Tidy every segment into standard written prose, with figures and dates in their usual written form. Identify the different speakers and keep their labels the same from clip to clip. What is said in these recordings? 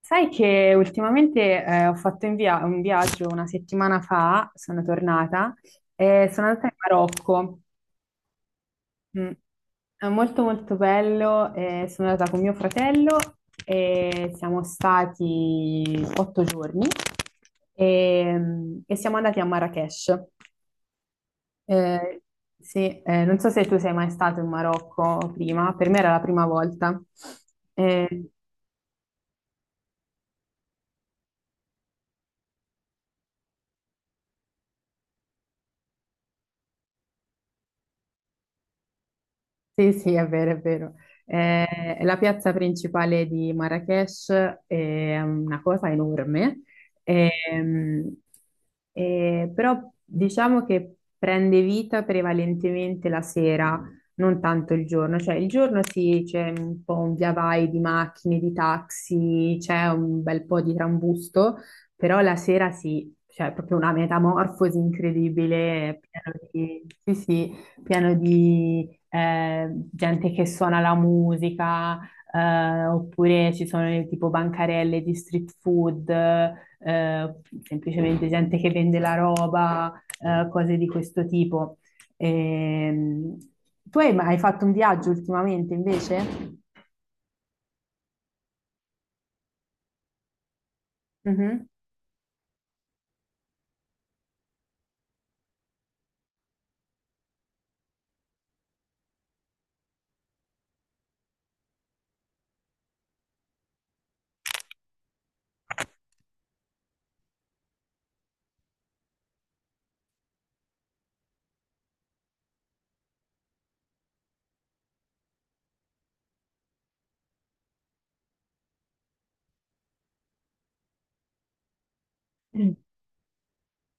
Speaker 1: Sai che ultimamente ho fatto un viaggio una settimana fa, sono tornata, e sono andata in Marocco. Mm. È molto molto bello, sono andata con mio fratello e siamo stati 8 giorni e siamo andati a Marrakech. Eh, sì, non so se tu sei mai stato in Marocco prima, per me era la prima volta. Eh, Sì, sì, è vero, è vero. La piazza principale di Marrakech è una cosa enorme, ehm, però diciamo che prende vita prevalentemente la sera, non tanto il giorno. Cioè il giorno sì, c'è un po' un via vai di macchine, di taxi, c'è un bel po' di trambusto, però la sera sì, cioè è proprio una metamorfosi incredibile, pieno di. Sì, sì. Pieno di eh, gente che suona la musica, oppure ci sono tipo bancarelle di street food, semplicemente gente che vende la roba, cose di questo tipo. Ehm, Tu hai fatto un viaggio ultimamente invece? Mhm.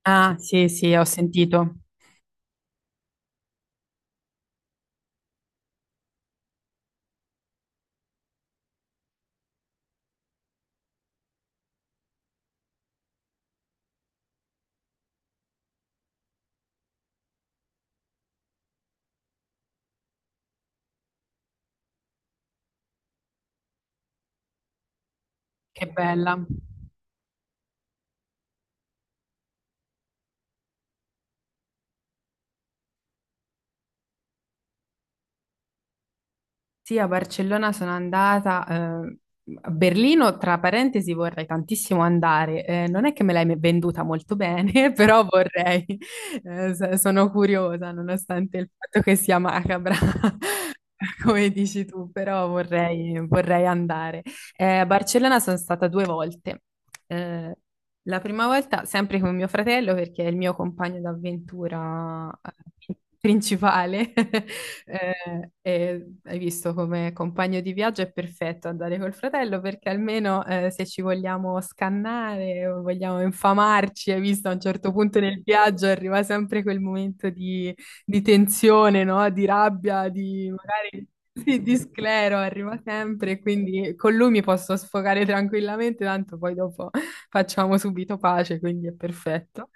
Speaker 1: Ah, sì, sì, ho sentito. Che bella. Sì, a Barcellona sono andata. A Berlino, tra parentesi, vorrei tantissimo andare. Non è che me l'hai venduta molto bene, però vorrei. Sono curiosa, nonostante il fatto che sia macabra, come dici tu, però vorrei andare. A Barcellona sono stata due volte. Eh, la prima volta sempre con mio fratello, perché è il mio compagno d'avventura principale. E hai visto, come compagno di viaggio è perfetto andare col fratello perché almeno se ci vogliamo scannare o vogliamo infamarci, hai visto a un certo punto nel viaggio arriva sempre quel momento di, tensione, no? Di rabbia, di magari sì, di sclero, arriva sempre, quindi con lui mi posso sfogare tranquillamente, tanto poi dopo facciamo subito pace, quindi è perfetto.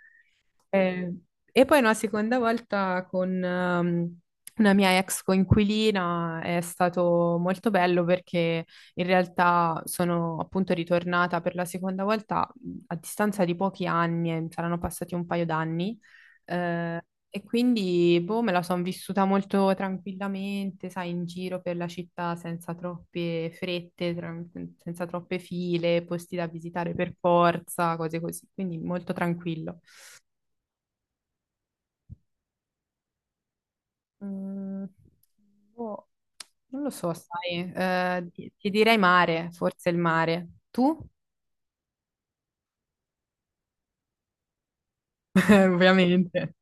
Speaker 1: Eh, e poi una seconda volta con una mia ex coinquilina, è stato molto bello perché in realtà sono appunto ritornata per la seconda volta a distanza di pochi anni, saranno passati un paio d'anni, eh, e quindi boh, me la sono vissuta molto tranquillamente, sai, in giro per la città senza troppe frette, senza troppe file, posti da visitare per forza, cose così, quindi molto tranquillo. Mm, Boh, non lo so, sai, ti direi mare, forse il mare. Tu? Ovviamente.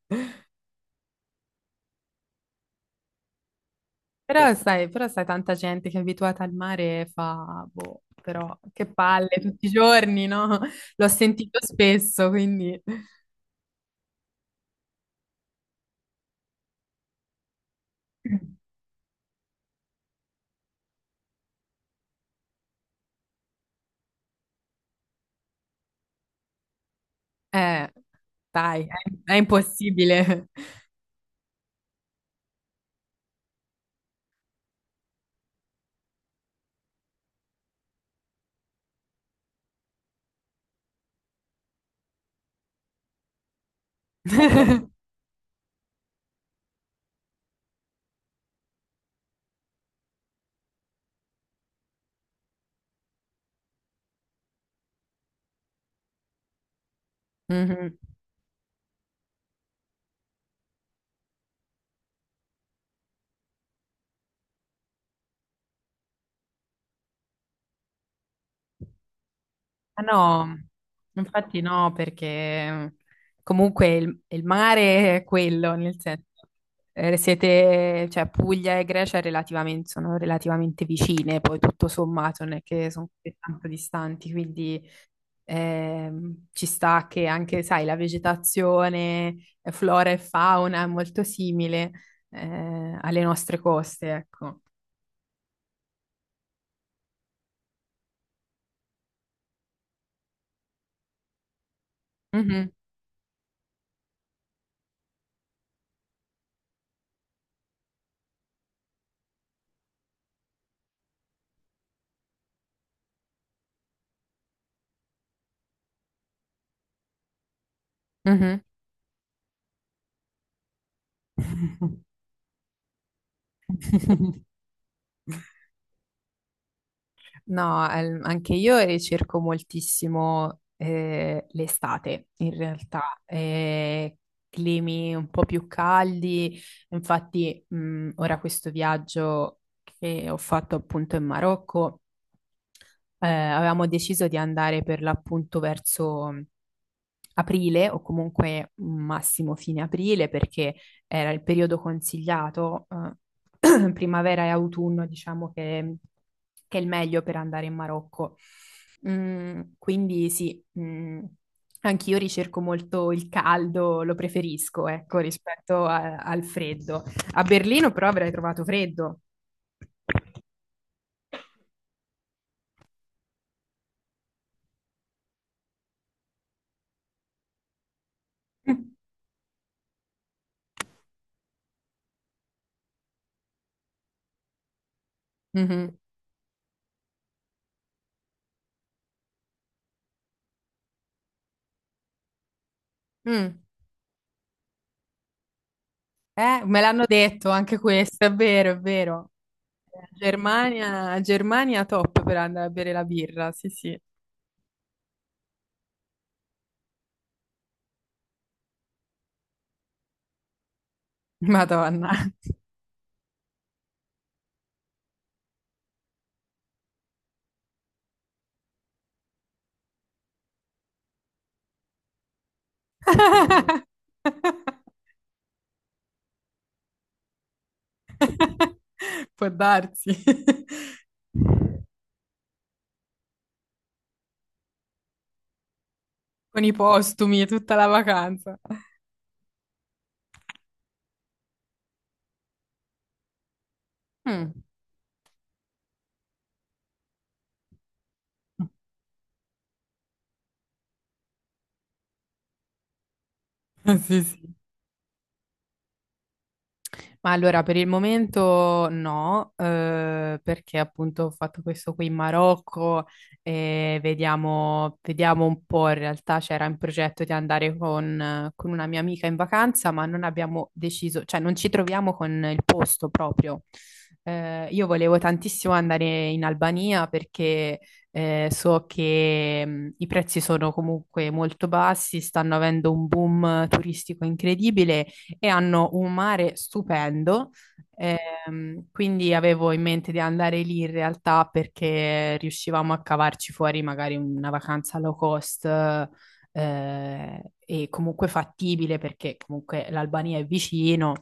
Speaker 1: Però sai, tanta gente che è abituata al mare e fa, boh, però che palle tutti i giorni, no? L'ho sentito spesso, quindi. Eh, Dai, è impossibile. Mhm. Ah, no, infatti no, perché comunque il mare è quello, nel senso, siete, cioè Puglia e Grecia relativamente, sono relativamente vicine, poi tutto sommato non è che sono così tanto distanti, quindi ci sta che anche, sai, la vegetazione, flora e fauna è molto simile alle nostre coste, ecco. Mhm, mhm. No, anche io ricerco moltissimo l'estate, in realtà, climi un po' più caldi. Infatti, ora questo viaggio che ho fatto appunto in Marocco, avevamo deciso di andare per l'appunto verso aprile o comunque massimo fine aprile perché era il periodo consigliato, primavera e autunno, diciamo che, è il meglio per andare in Marocco. Quindi sì, anch'io ricerco molto il caldo, lo preferisco, ecco, rispetto al freddo. A Berlino però avrei trovato freddo. Mhm. Mm. Me l'hanno detto anche questo, è vero, è vero. Germania, Germania top per andare a bere la birra, sì, sì. Madonna. Può darsi. Con i postumi e tutta la vacanza. Mm. Sì, sì. Ma allora, per il momento no, perché appunto ho fatto questo qui in Marocco e vediamo, vediamo un po'. In realtà c'era in progetto di andare con una mia amica in vacanza, ma non abbiamo deciso, cioè non ci troviamo con il posto proprio. Io volevo tantissimo andare in Albania perché so che i prezzi sono comunque molto bassi, stanno avendo un boom turistico incredibile e hanno un mare stupendo. Quindi avevo in mente di andare lì in realtà perché riuscivamo a cavarci fuori magari una vacanza low cost eh, e comunque fattibile perché comunque l'Albania è vicino,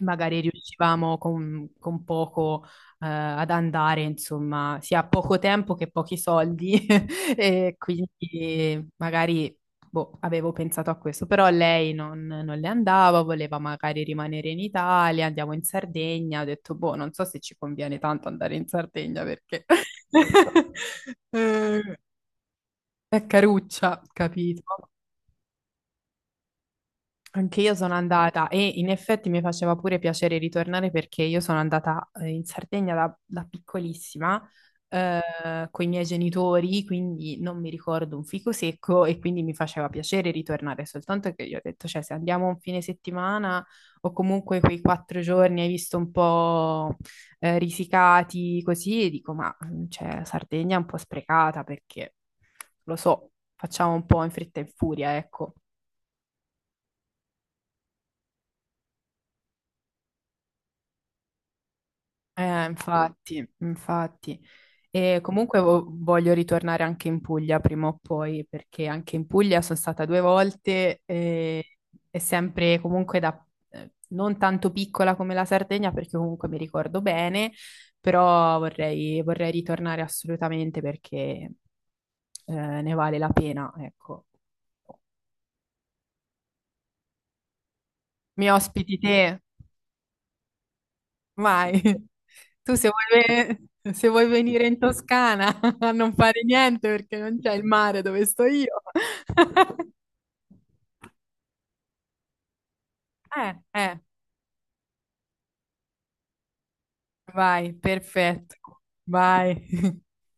Speaker 1: magari riuscivamo con poco ad andare, insomma, sia poco tempo che pochi soldi, e quindi magari boh, avevo pensato a questo, però lei non le andava, voleva magari rimanere in Italia, andiamo in Sardegna, ho detto, boh, non so se ci conviene tanto andare in Sardegna perché eh, è caruccia, capito? Anche io sono andata e in effetti mi faceva pure piacere ritornare perché io sono andata in Sardegna da piccolissima con i miei genitori, quindi non mi ricordo un fico secco e quindi mi faceva piacere ritornare, soltanto che io ho detto, cioè se andiamo un fine settimana o comunque quei 4 giorni hai visto un po' risicati così, e dico, ma cioè, Sardegna è un po' sprecata perché lo so, facciamo un po' in fretta e in furia, ecco. Infatti, infatti. E comunque voglio ritornare anche in Puglia prima o poi, perché anche in Puglia sono stata due volte e sempre comunque da non tanto piccola come la Sardegna, perché comunque mi ricordo bene, però vorrei ritornare assolutamente perché eh, ne vale la pena, ecco. Mi ospiti te? Vai. Tu se vuoi, ve- se vuoi venire in Toscana a non fare niente perché non c'è il mare dove sto io. Eh, eh, Vai, perfetto. Vai.